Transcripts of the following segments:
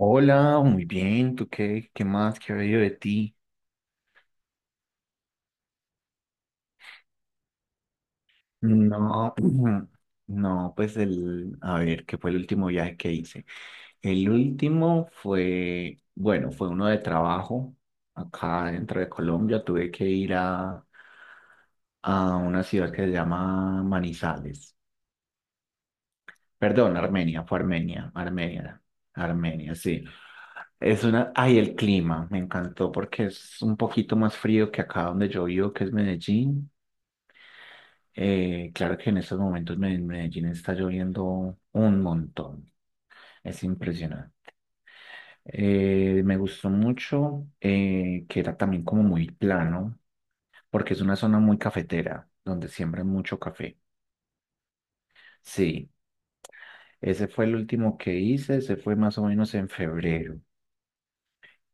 Hola, muy bien, ¿tú qué más? ¿Qué ha habido de ti? No, no, pues a ver, ¿qué fue el último viaje que hice? El último fue, bueno, fue uno de trabajo acá dentro de Colombia. Tuve que a una ciudad que se llama Manizales. Perdón, Armenia, fue Armenia, Armenia, sí. Es una, ay, el clima, me encantó porque es un poquito más frío que acá donde yo vivo, que es Medellín. Claro que en estos momentos en Medellín está lloviendo un montón. Es impresionante. Me gustó mucho que era también como muy plano, porque es una zona muy cafetera, donde siembran mucho café. Sí, ese fue el último que hice, ese fue más o menos en febrero.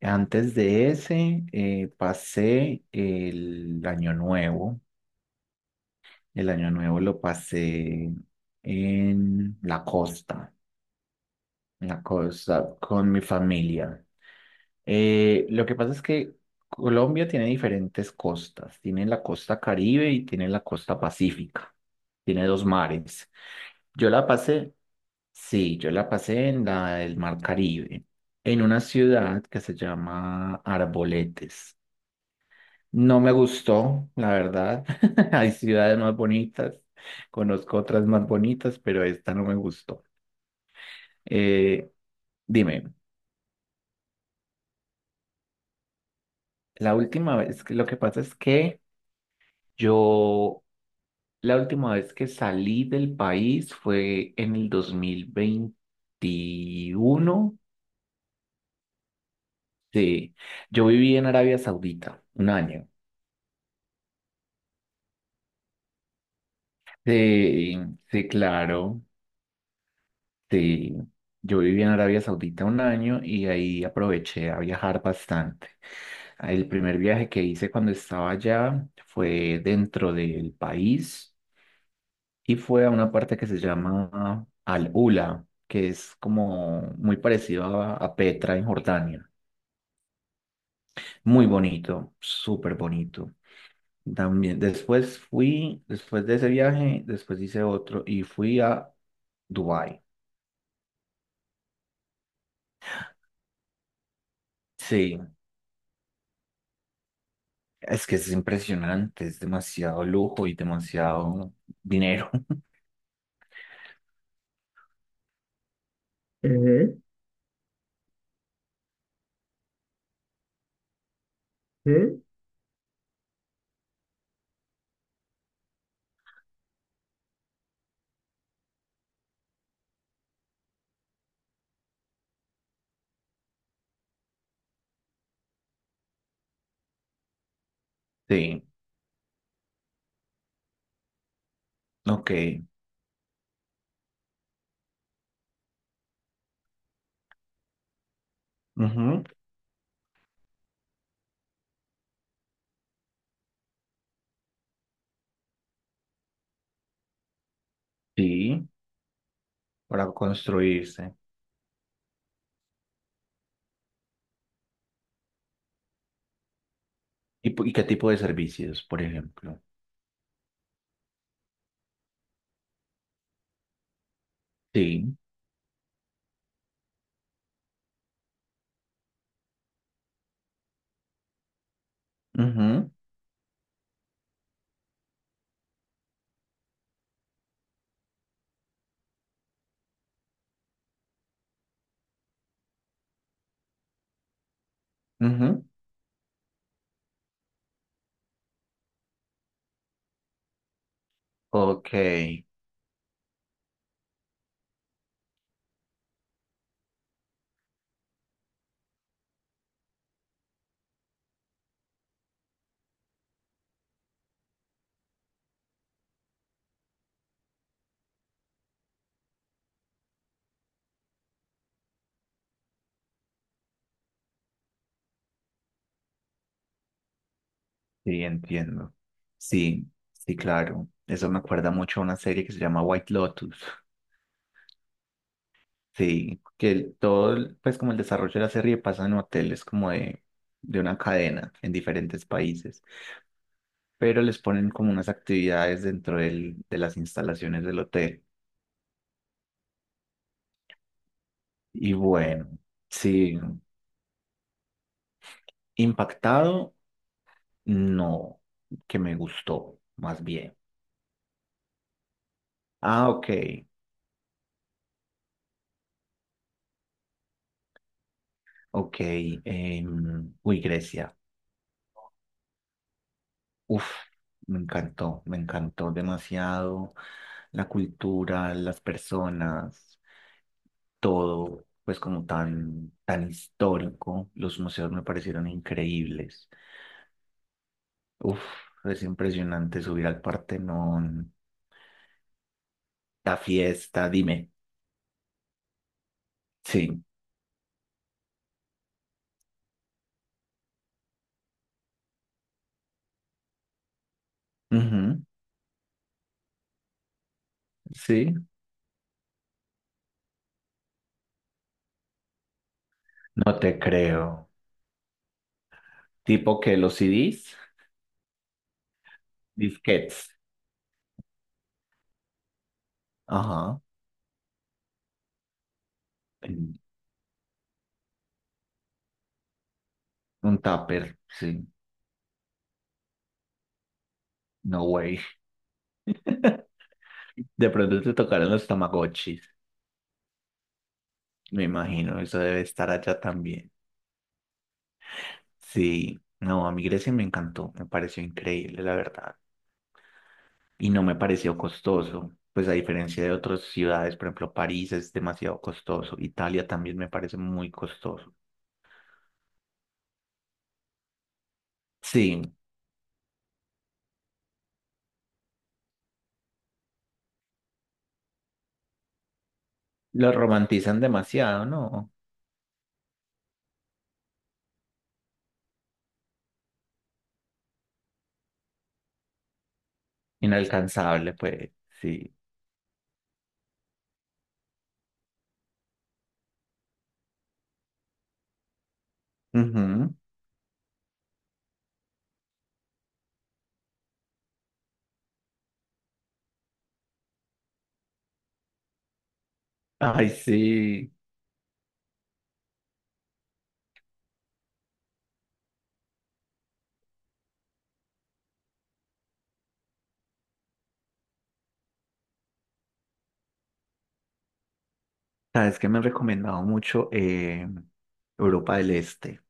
Antes de ese, pasé el año nuevo. El año nuevo lo pasé en la costa. Una cosa con mi familia. Lo que pasa es que Colombia tiene diferentes costas. Tiene la costa Caribe y tiene la costa Pacífica. Tiene dos mares. Yo la sí, yo la pasé en la del Mar Caribe, en una ciudad que se llama Arboletes. No me gustó, la verdad. Hay ciudades más bonitas, conozco otras más bonitas, pero esta no me gustó. Eh, Dime. La última vez, lo que pasa es que yo, la última vez que salí del país fue en el 2021. Sí, yo viví en Arabia Saudita un año. Sí, sí, claro. Sí, yo viví en Arabia Saudita un año y ahí aproveché a viajar bastante. El primer viaje que hice cuando estaba allá fue dentro del país, y fue a una parte que se llama Al-Ula, que es como muy parecido a Petra en Jordania. Muy bonito, súper bonito. También después fui, después de ese viaje, después hice otro y fui a Dubái. Sí, es que es impresionante, es demasiado lujo y demasiado dinero. Ujú, ujú. Sí, ok, ujú. Sí, para construirse. ¿Y, y qué tipo de servicios, por ejemplo? Sí. Ujú, ujú. Ok, sí, entiendo. Sí, sí, claro. Eso me acuerda mucho a una serie que se llama White Lotus. Sí, que todo, pues como el desarrollo de la serie pasa en hoteles como de una cadena en diferentes países, pero les ponen como unas actividades dentro de las instalaciones del hotel. Y bueno, sí, impactado, no, que me gustó, más bien. Ah, ok. Ok, uy, Grecia. Uf, me encantó demasiado la cultura, las personas, todo, pues como tan histórico. Los museos me parecieron increíbles. Uf, es impresionante subir al Partenón, la fiesta, dime. Sí, ujú, sí, no te creo. Tipo que los CDs, disquetes. Ajá. Un tupper, sí. No way. De pronto te tocaron los Tamagotchis. Me imagino, eso debe estar allá también. Sí, no, a mí Grecia me encantó, me pareció increíble, la verdad. Y no me pareció costoso, pues a diferencia de otras ciudades, por ejemplo, París es demasiado costoso, Italia también me parece muy costoso. Sí, lo romantizan demasiado, ¿no? Inalcanzable, pues, sí. Ujú. Ay, sí. Sabes que me han recomendado mucho Europa del Este,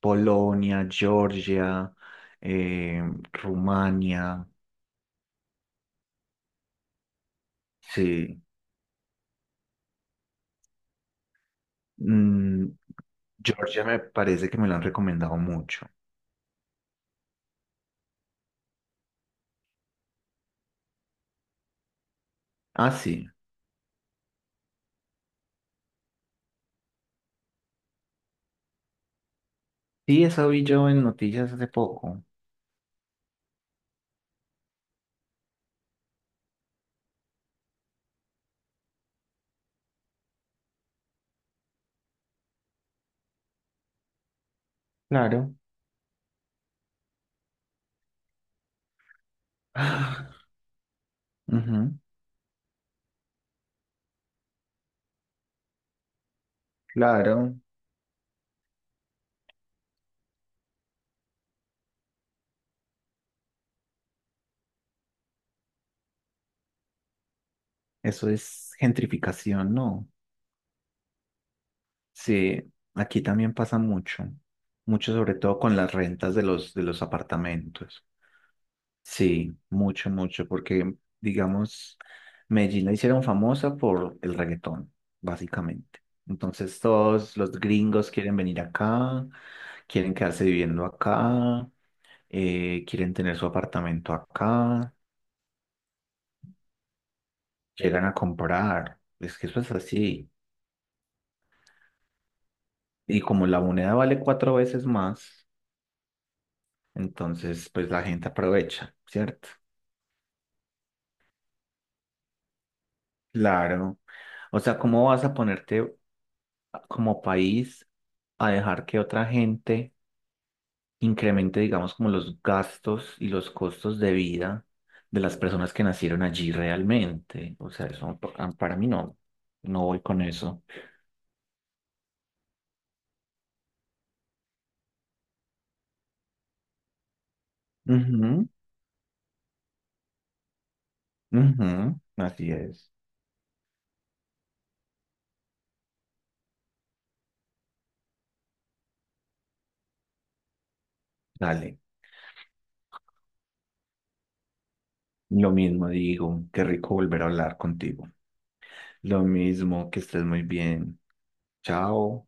Polonia, Georgia, eh, Rumania, sí. Mm, Georgia me parece que me lo han recomendado mucho. Ah, sí. Sí, eso vi yo en noticias hace poco. Claro. Ah, ujú, claro. Eso es gentrificación, ¿no? Sí, aquí también pasa mucho. Mucho sobre todo con las rentas de los apartamentos. Sí, mucho, porque, digamos, Medellín la hicieron famosa por el reggaetón, básicamente. Entonces todos los gringos quieren venir acá, quieren quedarse viviendo acá, quieren tener su apartamento acá, llegan a comprar. Es que eso es así. Y como la moneda vale 4 veces más, entonces pues la gente aprovecha, ¿cierto? Claro. O sea, ¿cómo vas a ponerte como país a dejar que otra gente incremente, digamos, como los gastos y los costos de vida de las personas que nacieron allí realmente? O sea, para mí no, no voy con eso. Ujú, ujú, así es. Dale. Lo mismo digo, qué rico volver a hablar contigo. Lo mismo, que estés muy bien. Chao.